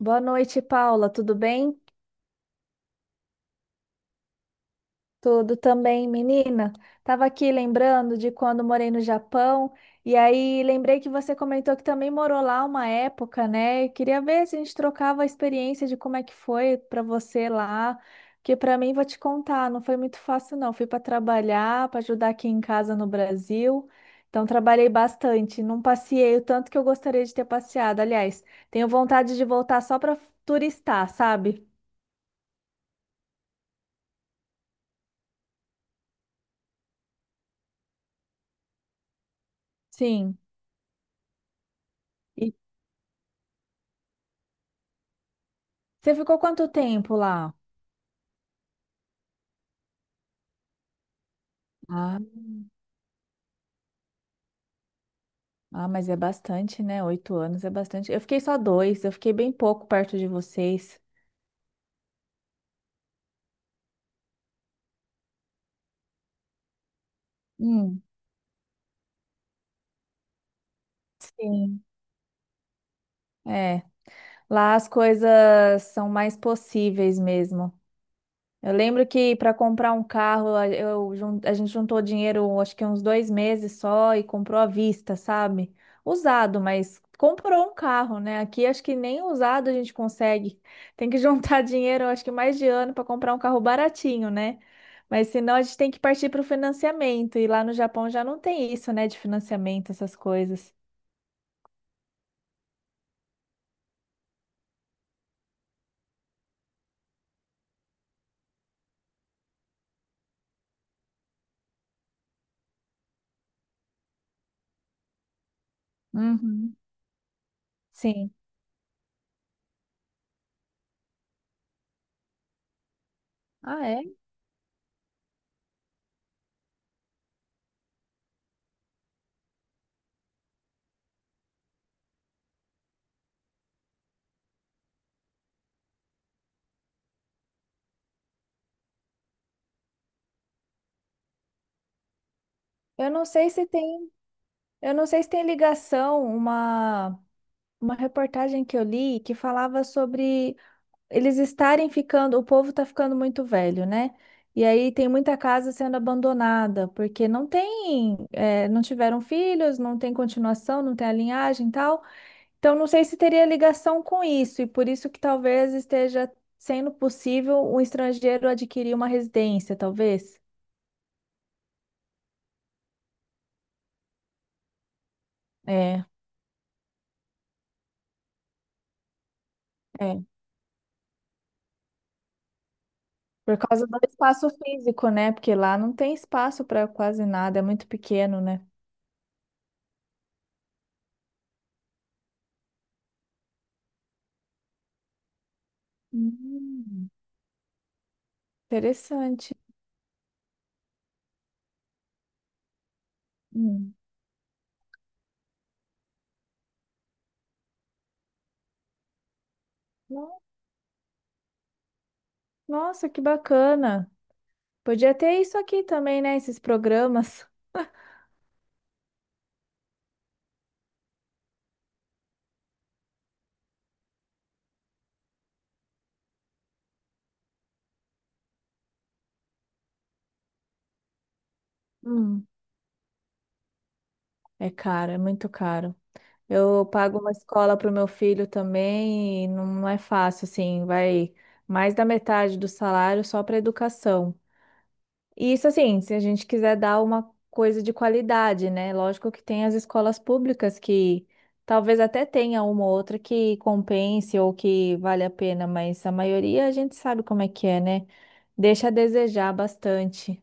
Boa noite, Paula. Tudo bem? Tudo também, menina. Tava aqui lembrando de quando morei no Japão e aí lembrei que você comentou que também morou lá uma época, né? E queria ver se a gente trocava a experiência de como é que foi para você lá, porque para mim vou te contar, não foi muito fácil não. Fui para trabalhar, para ajudar aqui em casa no Brasil. Então trabalhei bastante, não passeei o tanto que eu gostaria de ter passeado. Aliás, tenho vontade de voltar só para turistar, sabe? Sim. Você ficou quanto tempo lá? Ah, ah, mas é bastante, né? 8 anos é bastante. Eu fiquei só dois, eu fiquei bem pouco perto de vocês. Hum, sim, é. Lá as coisas são mais possíveis mesmo. Eu lembro que para comprar um carro, a gente juntou dinheiro, acho que uns 2 meses só, e comprou à vista, sabe? Usado, mas comprou um carro, né? Aqui acho que nem usado a gente consegue. Tem que juntar dinheiro, acho que mais de ano, para comprar um carro baratinho, né? Mas senão a gente tem que partir para o financiamento. E lá no Japão já não tem isso, né? De financiamento, essas coisas. Uhum. Sim. Ah, é? Eu não sei se tem, eu não sei se tem ligação, uma reportagem que eu li que falava sobre eles estarem ficando, o povo está ficando muito velho, né? E aí tem muita casa sendo abandonada, porque não tem, não tiveram filhos, não tem continuação, não tem a linhagem e tal. Então não sei se teria ligação com isso, e por isso que talvez esteja sendo possível um estrangeiro adquirir uma residência, talvez. É, é. Por causa do espaço físico, né? Porque lá não tem espaço para quase nada, é muito pequeno, né? Hum. Interessante. Hum. No- Nossa, que bacana. Podia ter isso aqui também, né? Esses programas. Hum. É caro, é muito caro. Eu pago uma escola para o meu filho também e não é fácil, assim, vai mais da metade do salário só para educação. E isso assim, se a gente quiser dar uma coisa de qualidade, né? Lógico que tem as escolas públicas que talvez até tenha uma ou outra que compense ou que vale a pena, mas a maioria a gente sabe como é que é, né? Deixa a desejar bastante.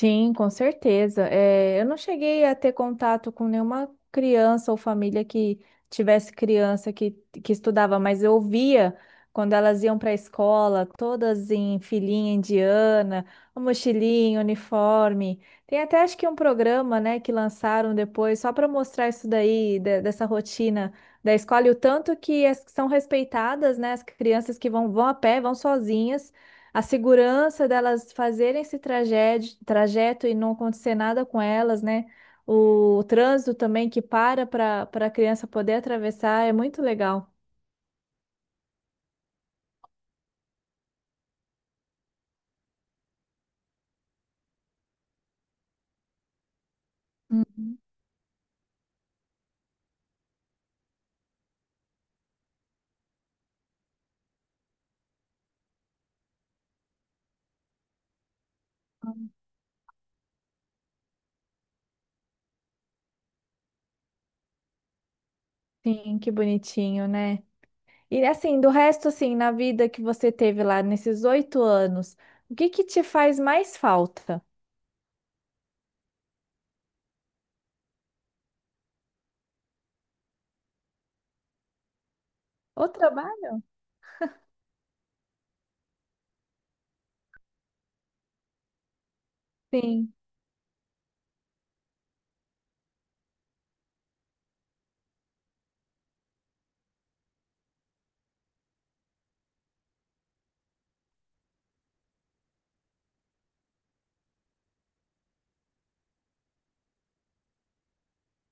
Sim, com certeza. É, eu não cheguei a ter contato com nenhuma criança ou família que tivesse criança que estudava, mas eu via quando elas iam para a escola, todas em filinha indiana, mochilinha, uniforme. Tem até acho que um programa, né, que lançaram depois só para mostrar isso daí, dessa rotina da escola e o tanto que são respeitadas, né, as crianças que vão, vão a pé, vão sozinhas. A segurança delas fazerem esse trajeto, trajeto e não acontecer nada com elas, né? O trânsito também que para a criança poder atravessar é muito legal. Uhum. Sim, que bonitinho, né? E assim, do resto, assim, na vida que você teve lá nesses 8 anos, o que que te faz mais falta? O trabalho? Sim.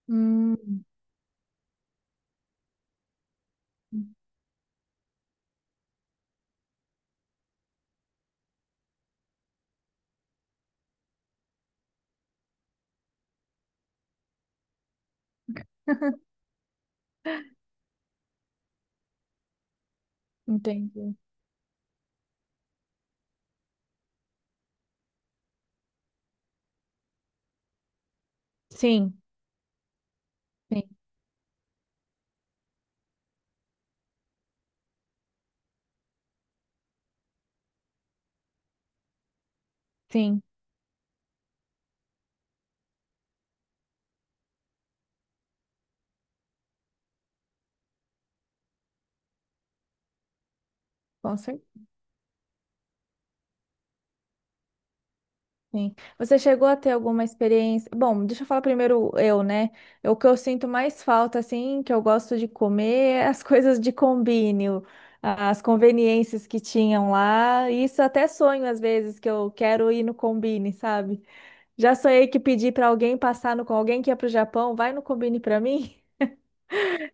Hum, entendi. Sim, sim, sim, com Sim. Você chegou a ter alguma experiência? Bom, deixa eu falar primeiro eu, né? O que eu sinto mais falta, assim, que eu gosto de comer, é as coisas de combine, as conveniências que tinham lá. Isso até sonho às vezes que eu quero ir no combine, sabe? Já sonhei que pedi para alguém passar no com alguém que ia para o Japão, vai no combine para mim.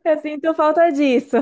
Eu sinto falta disso.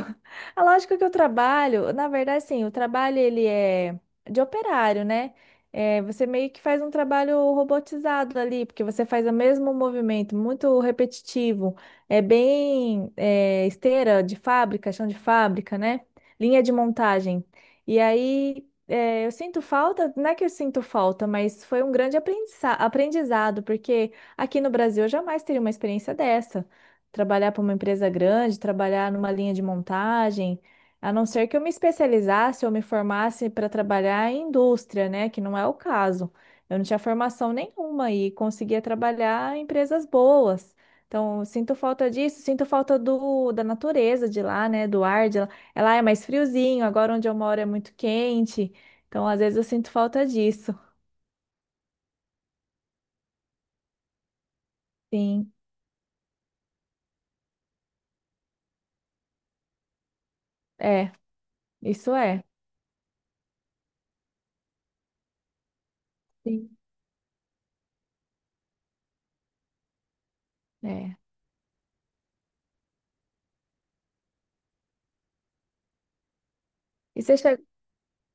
A lógica que eu trabalho, na verdade, sim, o trabalho ele é de operário, né? É, você meio que faz um trabalho robotizado ali, porque você faz o mesmo movimento, muito repetitivo. É bem é, esteira de fábrica, chão de fábrica, né? Linha de montagem. E aí é, eu sinto falta, não é que eu sinto falta, mas foi um grande aprendizado, porque aqui no Brasil eu jamais teria uma experiência dessa, trabalhar para uma empresa grande, trabalhar numa linha de montagem, a não ser que eu me especializasse ou me formasse para trabalhar em indústria, né? Que não é o caso. Eu não tinha formação nenhuma e conseguia trabalhar em empresas boas. Então, sinto falta disso, sinto falta do, da natureza de lá, né? Do ar de lá. É lá é mais friozinho, agora onde eu moro é muito quente. Então, às vezes eu sinto falta disso. Sim, é, isso é. Sim. É. E você chegou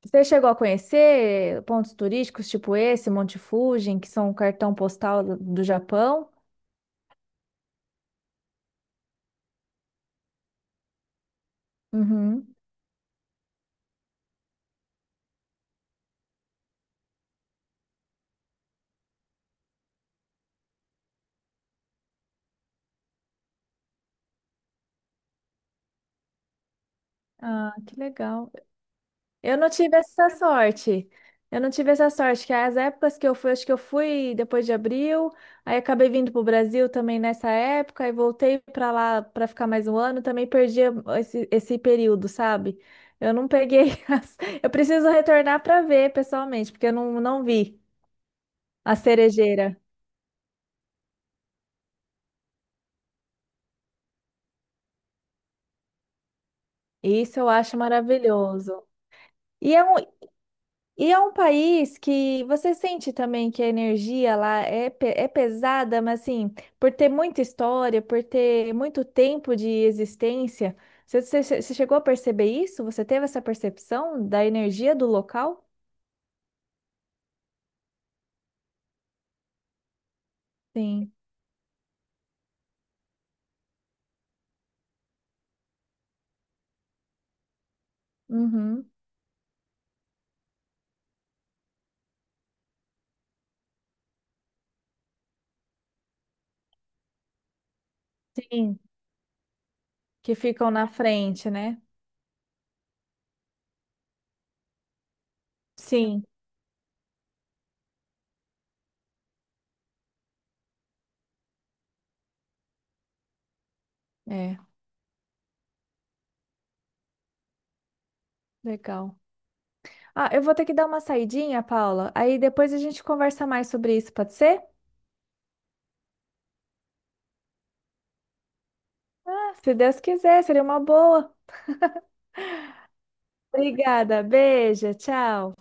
Você chegou a conhecer pontos turísticos tipo esse, Monte Fuji, que são o cartão postal do Japão? Uhum. Ah, que legal. Eu não tive essa sorte. Eu não tive essa sorte, que as épocas que eu fui, acho que eu fui depois de abril, aí acabei vindo para o Brasil também nessa época, e voltei para lá para ficar mais um ano, também perdi esse período, sabe? Eu não peguei as... Eu preciso retornar para ver pessoalmente, porque eu não, não vi a cerejeira. Isso eu acho maravilhoso. E é um, e é um país que você sente também que a energia lá é, é pesada, mas assim, por ter muita história, por ter muito tempo de existência, você chegou a perceber isso? Você teve essa percepção da energia do local? Sim. Uhum. Sim. Que ficam na frente, né? Sim. É, legal. Ah, eu vou ter que dar uma saidinha, Paula. Aí depois a gente conversa mais sobre isso, pode ser? Se Deus quiser, seria uma boa. Obrigada, beijo, tchau.